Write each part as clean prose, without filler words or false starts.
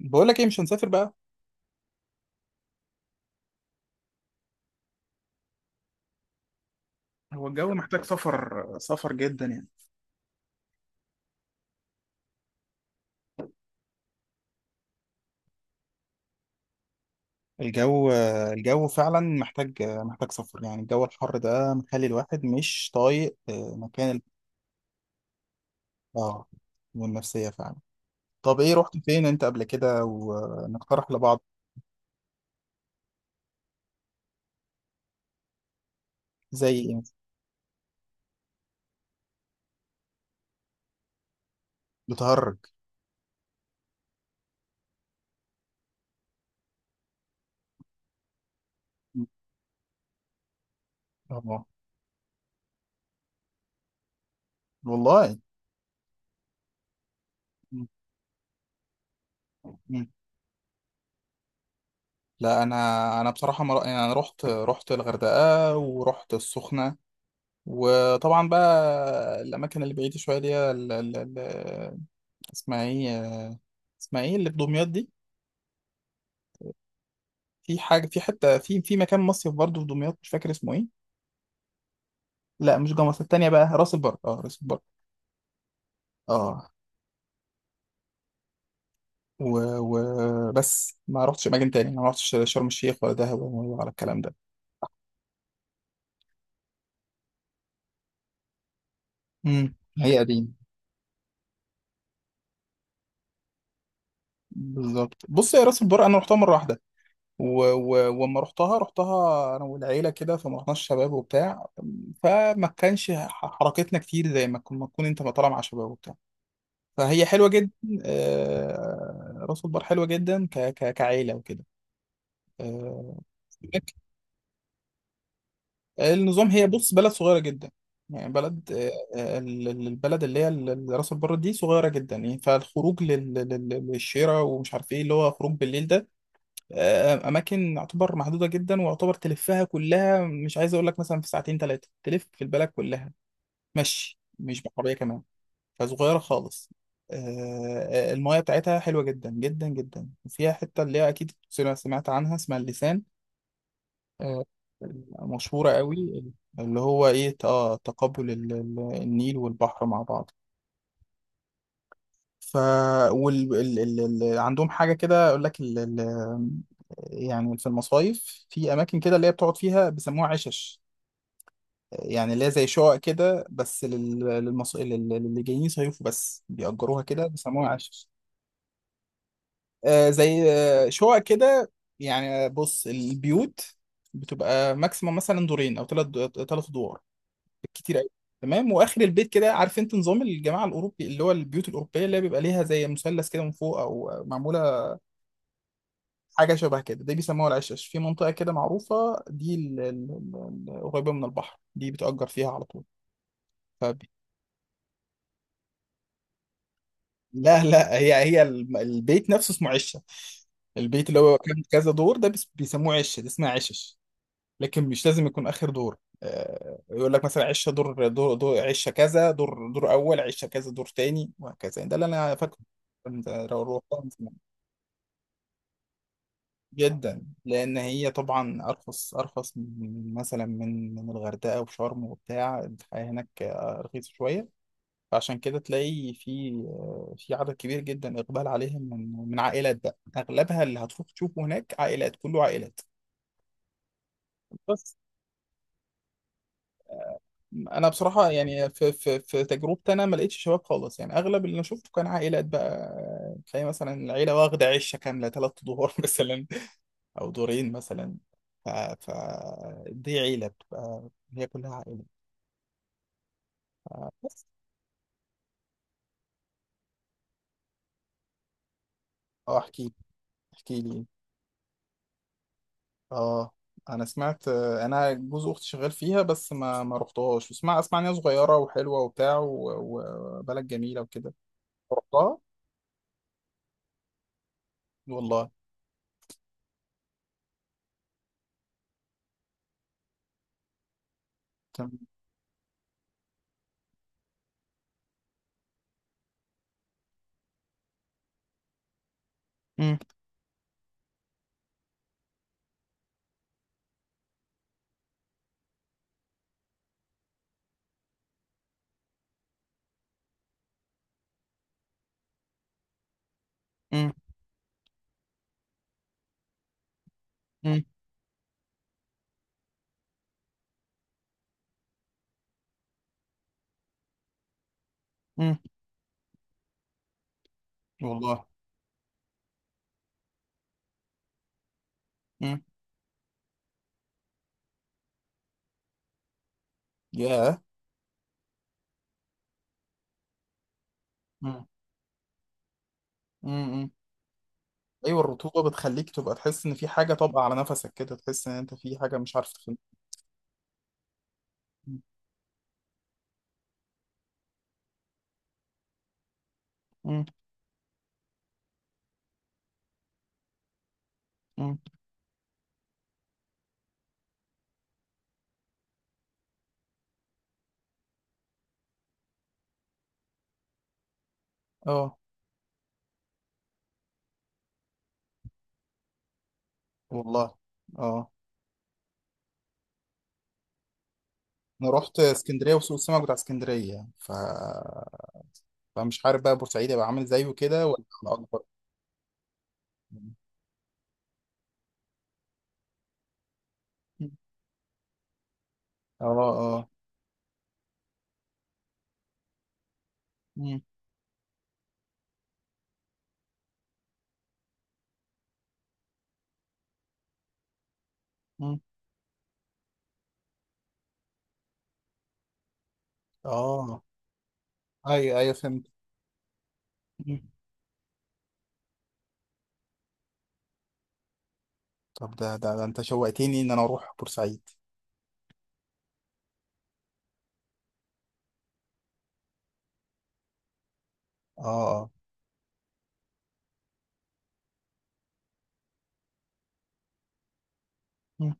بقول لك ايه، مش هنسافر بقى. هو الجو محتاج سفر سفر جدا يعني؟ الجو الجو فعلا محتاج سفر. يعني الجو الحر ده مخلي الواحد مش طايق، مكان ال-. اه، والنفسية فعلا. طب ايه، رحت فين انت قبل كده ونقترح لبعض؟ زي ايه؟ بتهرج؟ م. اه، والله. م. م. لا، انا بصراحه يعني انا رحت الغردقه ورحت السخنه. وطبعا بقى الاماكن اللي بعيده شويه دي اسمها ايه، اسمها ايه اللي في دمياط دي؟ في حاجه، في حته، في مكان مصيف برضه في دمياط، مش فاكر اسمه ايه. لا مش جمصة، التانية بقى راس البر، راس البر. اه، بس ما رحتش اماكن تاني، ما رحتش شرم الشيخ ولا دهب ولا على الكلام ده. هي قديم. بالظبط. بص يا راس البر، انا رحتها مره واحده. وما رحتها انا والعيله كده، فما رحناش شباب وبتاع. فما كانش حركتنا كتير، زي ما ما تكون انت طالع مع شباب وبتاع. فهي حلوه جدا. راس البر حلوه جدا ك ك كعيله وكده. آه، هناك النظام. هي بص، بلد صغيره جدا. يعني بلد. البلد اللي هي راس البر دي صغيره جدا، يعني فالخروج للشارع ومش عارف ايه اللي هو خروج بالليل ده. اماكن يعتبر محدوده جدا، ويعتبر تلفها كلها، مش عايز اقول لك مثلا في ساعتين ثلاثه تلف في البلد كلها. مشي، مش بعربيه كمان. فصغيرة خالص. المايه بتاعتها حلوة جدا جدا جدا، وفيها حتة اللي هي أكيد سمعت عنها، اسمها اللسان. آه، مشهورة قوي. اللي هو إيه، تقابل النيل والبحر مع بعض. ف. وال... ال... ال... ال... عندهم حاجة كده أقول لك يعني في المصايف في أماكن كده اللي هي بتقعد فيها، بيسموها عشش. يعني اللي هي زي شقق كده، بس للي جايين يصيفوا بس، بيأجروها كده بيسموها عشش. زي شقق كده. يعني بص البيوت بتبقى ماكسيموم مثلا دورين او ثلاث، ثلاث ادوار، بالكتير قوي. تمام، واخر البيت كده، عارف انت نظام الجماعه الاوروبي، اللي هو البيوت الاوروبيه اللي بيبقى ليها زي مثلث كده من فوق، او معموله حاجه شبه كده، دي بيسموها العشش. في منطقه كده معروفه دي، قريبه من البحر، دي بتأجر فيها على طول. فب... لا لا، هي هي البيت نفسه اسمه عشه. البيت اللي هو كان كذا دور ده بيسموه عشه، دي اسمها عشش. لكن مش لازم يكون اخر دور. يقول لك مثلا عشه دور دور، دور عشه كذا، دور دور اول، عشه كذا دور تاني، وهكذا، ده اللي انا فاكره. كنت روحتها من زمان. جدا لان هي طبعا ارخص ارخص من مثلا من الغردقه وشرم وبتاع. الحياه هناك رخيصه شويه. فعشان كده تلاقي في عدد كبير جدا، اقبال عليهم من عائلات بقى اغلبها، اللي هتروح تشوفه هناك عائلات، كله عائلات. بس انا بصراحه يعني في تجربتي، انا ما لقيتش شباب خالص، يعني اغلب اللي انا شفته كان عائلات بقى. تلاقي مثلا العيله واخده عشه كامله ثلاث دور مثلا، او دورين مثلا. ف. ف. دي عيله بتبقى هي كلها عائله. بس. اه، احكي. احكي لي. اه، انا سمعت، انا جوز اختي شغال فيها، بس ما رحتهاش. اسمع اسمع ان هي صغيره وحلوه وبتاع، وبلد جميله وكده. رحتها. والله. تمام. مم. مم. مم. مم. والله. ياه. مم. مم. مم. ايوه، الرطوبه بتخليك تبقى تحس ان في حاجه طابقه على نفسك كده، تحس ان انت في حاجه مش عارف تخليك. مم. مم. اه. والله. اه. انا رحت اسكندريه وسوق السمك بتاع اسكندريه يعني، فمش عارف بقى بورسعيد هيبقى عامل زيه كده ولا على اكبر. مم. اه، اه. مم. مم. اه. ايوه، ايوه، فهمت. مم. طب ده انت شوقتني ان انا اروح بورسعيد. اه، اه. مم.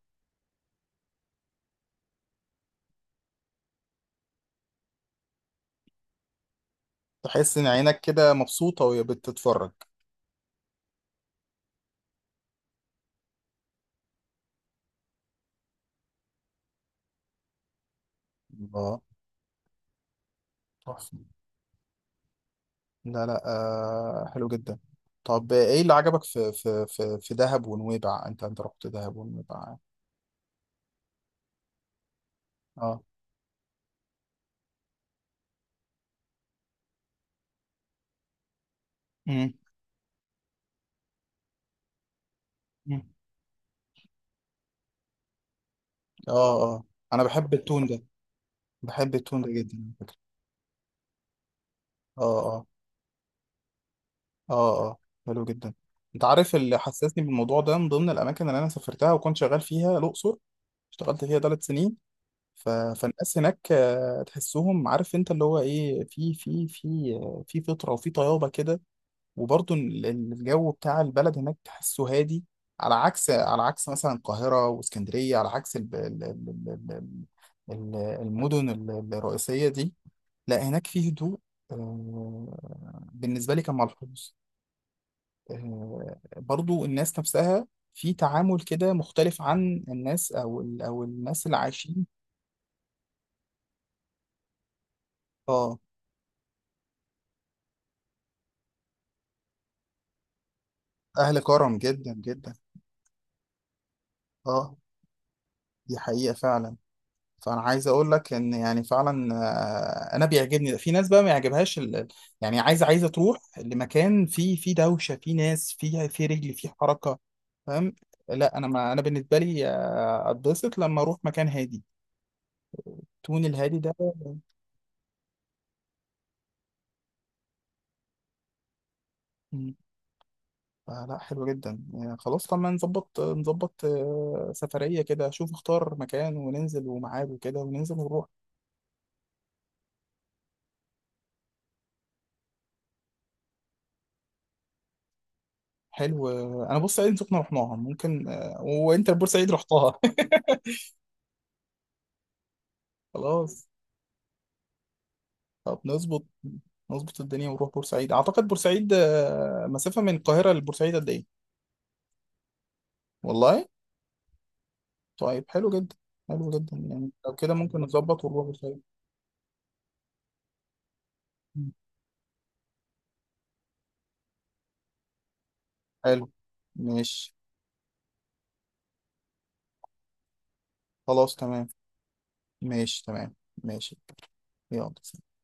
تحس ان عينك كده مبسوطه وهي بتتفرج. الله. تحفه. لا، لا، حلو جدا. طب ايه اللي عجبك في في في في دهب ونويبع، انت رحت دهب ونويبع يعني. اه. امم. أمم. اه، اه. انا بحب التون ده، بحب التون ده جدا على فكره. اه، اه. اه، اه. حلو جدا. انت عارف اللي حسسني بالموضوع ده، من ضمن الاماكن اللي انا سافرتها وكنت شغال فيها الاقصر، اشتغلت فيها 3 سنين. فالناس هناك تحسهم، عارف انت اللي هو ايه، في في في في فطره وفي طيابه كده. وبرضه الجو بتاع البلد هناك تحسه هادي، على عكس مثلا القاهرة واسكندرية، على عكس المدن الرئيسية دي. لا هناك فيه هدوء. بالنسبة لي كان ملحوظ. برضو الناس نفسها في تعامل كده مختلف عن الناس، أو الناس اللي عايشين. اه. أهل كرم جدا جدا. اه. دي حقيقة فعلا. فانا عايز اقول لك ان، يعني فعلا انا بيعجبني في ناس بقى ما يعجبهاش يعني عايزه تروح لمكان فيه دوشه، فيه ناس، فيه رجل، فيه حركه. فاهم؟ لا انا، ما انا بالنسبه لي اتبسط لما اروح مكان هادي، تون الهادي ده. مم. فلا حلو جدا يعني. خلاص طب ما نظبط سفريه كده، شوف اختار مكان وننزل، وميعاد وكده، وننزل ونروح. حلو. انا بورسعيد سخنه رحناها، ممكن وانت بورسعيد رحتها خلاص. طب نظبط الدنيا ونروح بورسعيد. اعتقد بورسعيد مسافة من القاهرة لبورسعيد قد ايه؟ والله. طيب حلو جدا. حلو جدا يعني. لو كده ممكن نظبط ونروح بورسعيد. مم. حلو. ماشي. خلاص تمام. ماشي تمام. ماشي. يلا.